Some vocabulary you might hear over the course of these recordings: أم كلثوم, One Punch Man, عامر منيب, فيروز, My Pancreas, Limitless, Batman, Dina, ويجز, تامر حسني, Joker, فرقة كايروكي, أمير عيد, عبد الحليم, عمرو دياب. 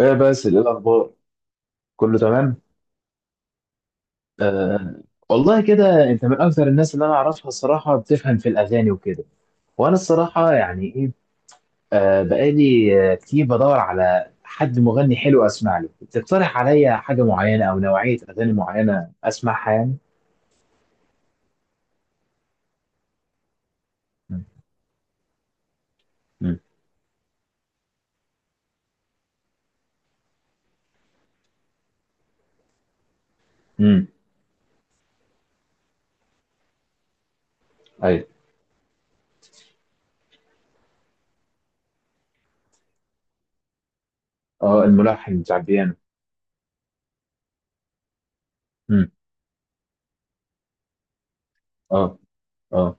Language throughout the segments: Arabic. ايه بس ايه الاخبار. كله تمام. آه. والله كده انت من اكثر الناس اللي انا اعرفها الصراحه بتفهم في الاغاني وكده، وانا الصراحه يعني ايه. آه بقالي كتير بدور على حد مغني حلو اسمع له تقترح عليا حاجه معينه او نوعيه اغاني معينه اسمعها يعني. مم. مم. مم. ايوه. اه الملحن بتاع البيانو. مم. اه. اه.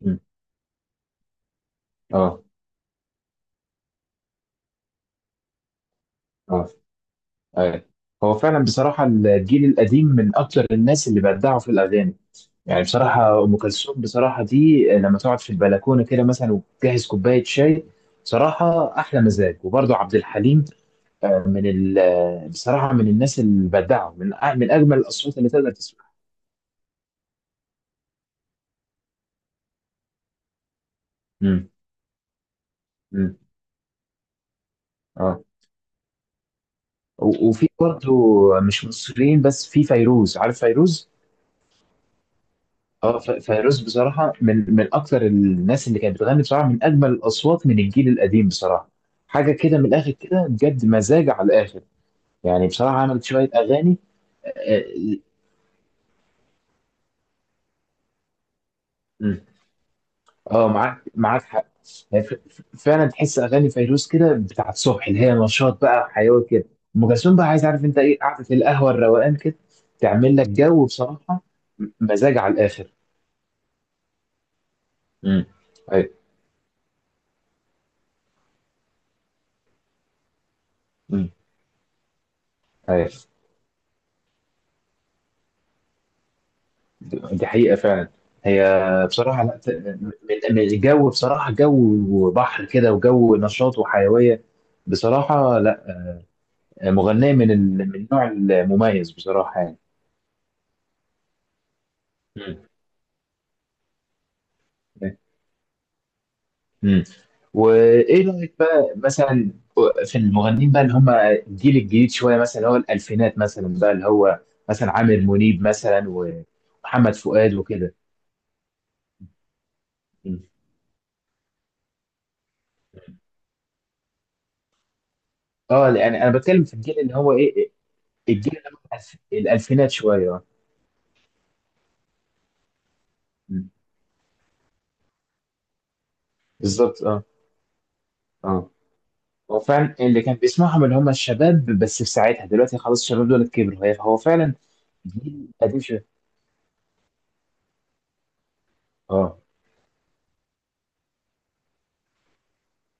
مم. اه. اه. ايوه. هو فعلا بصراحه الجيل القديم من اكثر الناس اللي بدعوا في الاغاني، يعني بصراحة أم كلثوم بصراحة دي لما تقعد في البلكونة كده مثلا وتجهز كوباية شاي بصراحة أحلى مزاج. وبرضه عبد الحليم من ال بصراحة من الناس البدعة من أجمل الأصوات اللي تقدر تسمعها. امم. امم. اه. وفي برضه مش مصريين، بس في فيروز، عارف فيروز؟ اه، ف- فيروز بصراحة من أكثر الناس اللي كانت بتغني بصراحة، من أجمل الأصوات من الجيل القديم بصراحة. حاجة كده من الآخر كده بجد، مزاج على الآخر. يعني بصراحة عملت شوية أغاني. اه. معاك حق. هي فعلا تحس اغاني فيروز كده بتاعت الصبح، اللي هي نشاط بقى وحيويه كده. ام كلثوم بقى عايز عارف انت ايه، قعده القهوه الروقان كده، تعمل لك جو بصراحه. مزاج على الاخر. امم. ايوه. امم. ايوه. دي حقيقه فعلا. هي بصراحه لا من من الجو بصراحه، جو بحر كده وجو نشاط وحيويه. بصراحه لا، مغنيه من ال من النوع المميز بصراحه يعني. مم. امم. وايه رايك بقى مثلا في المغنيين بقى اللي هم الجيل الجديد شويه، مثلا اللي هو الالفينات مثلا، بقى اللي هو مثلا عامر منيب مثلا ومحمد فؤاد وكده. مم. اه، يعني انا بتكلم في الجيل اللي هو ايه، إيه، الجيل اللي هو الالفينات شويه، اه. مم. بالظبط، اه. اه. هو فعلا اللي كان بيسمعهم اللي هم الشباب، بس في ساعتها دلوقتي خلاص الشباب دول كبروا، هو فعلا جيل قديم شويه. اه.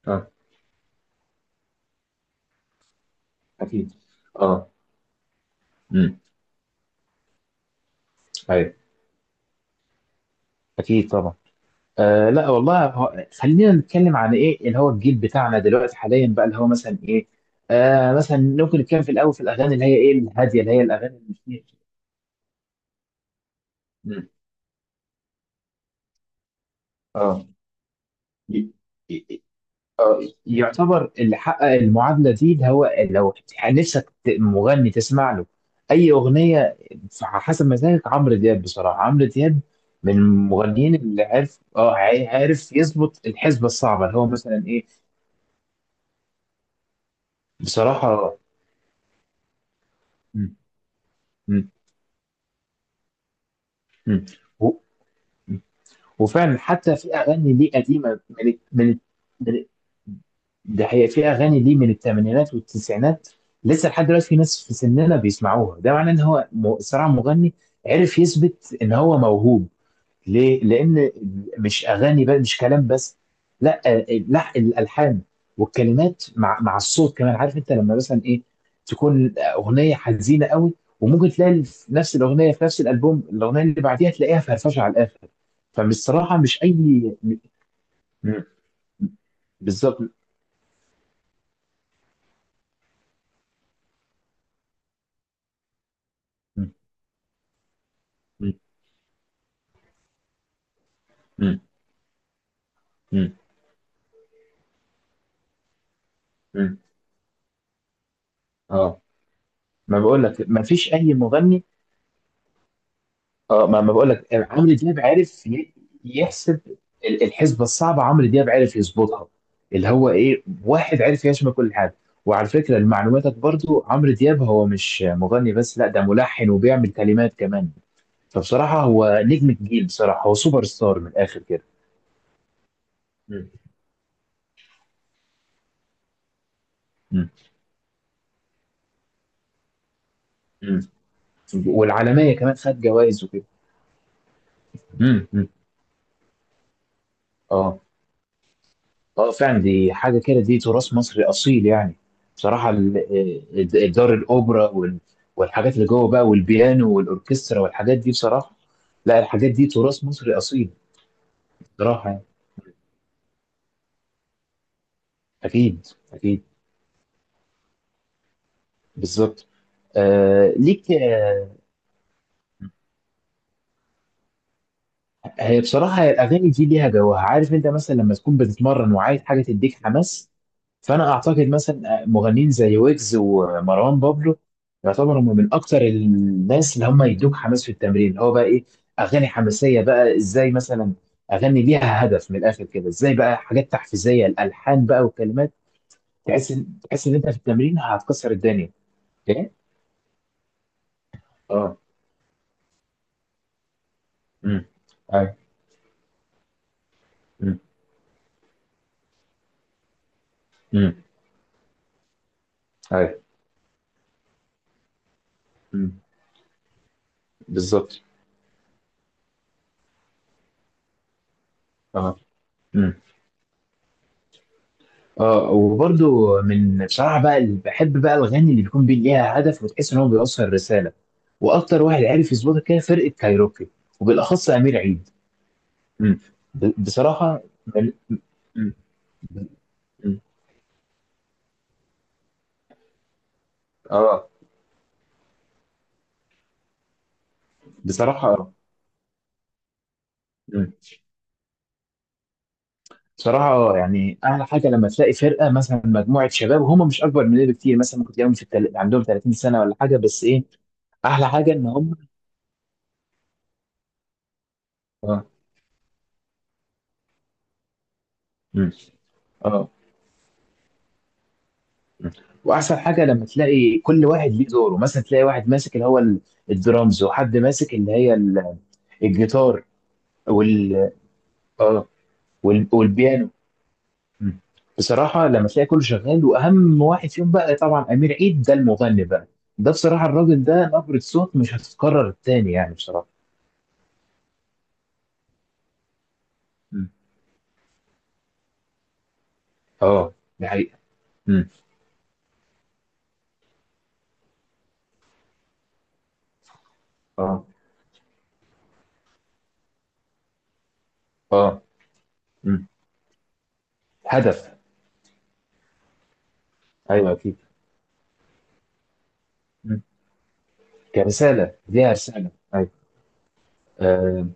اه. اكيد. اه. امم. ايوه. اكيد طبعا. آه لا والله، هو خلينا نتكلم عن ايه اللي هو الجيل بتاعنا دلوقتي حاليا بقى، اللي هو مثلا ايه. آه مثلا ممكن نتكلم في الاول في الاغاني اللي هي ايه الهاديه، اللي هي الاغاني اللي فيها. مم. اه. ي- ي- آه، يعتبر اللي حقق المعادله دي اللي هو، لو نفسك مغني تسمع له اي اغنيه على حسب مزاجك، عمرو دياب. بصراحه عمرو دياب من المغنيين اللي عارف، اه، عارف يظبط الحسبه الصعبه، اللي هو مثلا ايه. بصراحه. مم. مم. مم. وفعلا حتى في اغاني ليه قديمه من ال- ده هي في اغاني ليه من الثمانينات والتسعينات لسه لحد دلوقتي في ناس في سننا بيسمعوها، ده معناه ان هو صراحه مغني عرف يثبت ان هو موهوب. ليه؟ لأن مش أغاني بقى، مش كلام بس، لا لا الألحان والكلمات مع الصوت كمان. عارف أنت لما مثلا إيه، تكون أغنية حزينة قوي، وممكن تلاقي في نفس الأغنية في نفس الألبوم الأغنية اللي بعديها تلاقيها فرفشة على الآخر. فبصراحة مش أي م- م- بالظبط. م- م- م- م- م- اه، ما بقول لك، ما فيش أي مغني. اه، ما بقول لك عمرو دياب عارف يحسب الحسبه الصعبه، عمرو دياب عارف يظبطها، اللي هو ايه، واحد عارف يشمل كل حاجه. وعلى فكره لمعلوماتك برضو عمرو دياب هو مش مغني بس، لا ده ملحن وبيعمل كلمات كمان. فبصراحه هو نجم الجيل، بصراحه هو سوبر ستار من الاخر كده. مم. مم. مم. والعالميه كمان، خد جوائز وكده. مم. مم. اه. اه فعلا دي حاجه كده، دي تراث مصري اصيل يعني. بصراحه ال دار الاوبرا والحاجات اللي جوه بقى، والبيانو والاوركسترا والحاجات دي بصراحه. لا الحاجات دي تراث مصري اصيل بصراحه يعني. اكيد. اكيد. بالظبط. آه ليك آه. هي بصراحه هي الاغاني دي ليها جوها. عارف انت مثلا لما تكون بتتمرن وعايز حاجه تديك حماس، فانا اعتقد مثلا مغنيين زي ويجز ومروان بابلو يعتبروا هم من اكتر الناس اللي هم يدوك حماس في التمرين، اللي هو بقى ايه، اغاني حماسيه بقى، ازاي مثلا؟ اغني ليها هدف من الاخر كده، ازاي بقى، حاجات تحفيزيه، الالحان بقى والكلمات، تحس ان انت في التمرين هتكسر الدنيا. ايه. اه. امم. ايوه. امم. امم. ايوه. امم. بالظبط. اه. امم. اه وبرده من بصراحه بقى اللي بحب بقى، الاغاني اللي بيكون ليها هدف وتحس ان هو بيوصل رساله. واكتر واحد عرف يظبطها كده، فرقه كايروكي، وبالاخص امير عيد. مم. بصراحه. مل- مم. مم. اه. بصراحه اه. مم. بصراحه اه، يعني احلى حاجه لما تلاقي فرقه مثلا، مجموعه شباب وهم مش اكبر مننا بكتير، مثلا ممكن تلاقيهم في التل عندهم 30 سنه ولا حاجه، بس ايه، احلى حاجه ان هم. اه. مم. اه. مم. واحسن حاجه لما تلاقي كل واحد ليه دوره، مثلا تلاقي واحد ماسك اللي هو الدرامز، وحد ماسك اللي هي الجيتار وال اه، والبيانو. مم. بصراحة لما تلاقي كله شغال، وأهم واحد فيهم بقى طبعا أمير عيد ده المغني بقى، ده بصراحة الراجل ده نبرة صوت مش هتتكرر تاني يعني بصراحة. مم. اه، دي حقيقة. مم. اه. اه. مم. هدف، أيوه أكيد. مم. كرسالة، ليها رسالة، أيوه. آه.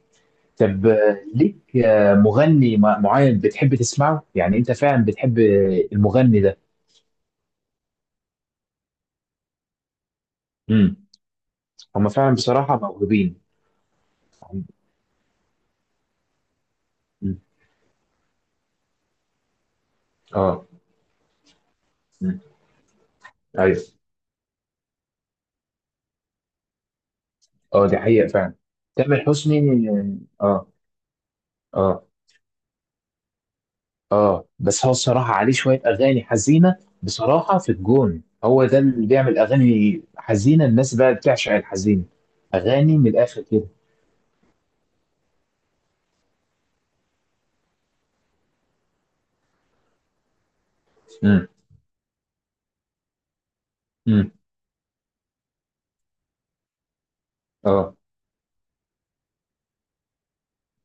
طب ليك مغني معين بتحب تسمعه؟ يعني أنت فعلا بتحب المغني ده. مم. هما فعلا بصراحة موهوبين. مم. اه. مم. أيوه. اه دي حقيقة فعلا. تامر حسني. اه. اه. اه بس هو الصراحة عليه شوية أغاني حزينة بصراحة، في الجون هو ده اللي بيعمل أغاني حزينة، الناس بقى بتعشق الحزين، أغاني من الآخر كده. امم. امم. اه.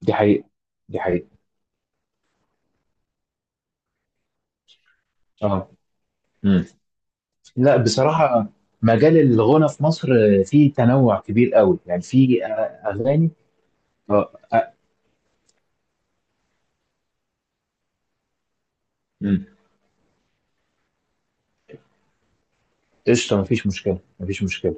دي حقيقة. دي حقيقة. اه. امم. لا بصراحة، مجال الغنى في مصر فيه تنوع كبير قوي، يعني فيه أغاني اه امم. قشطة، مفيش مشكلة، مفيش مشكلة.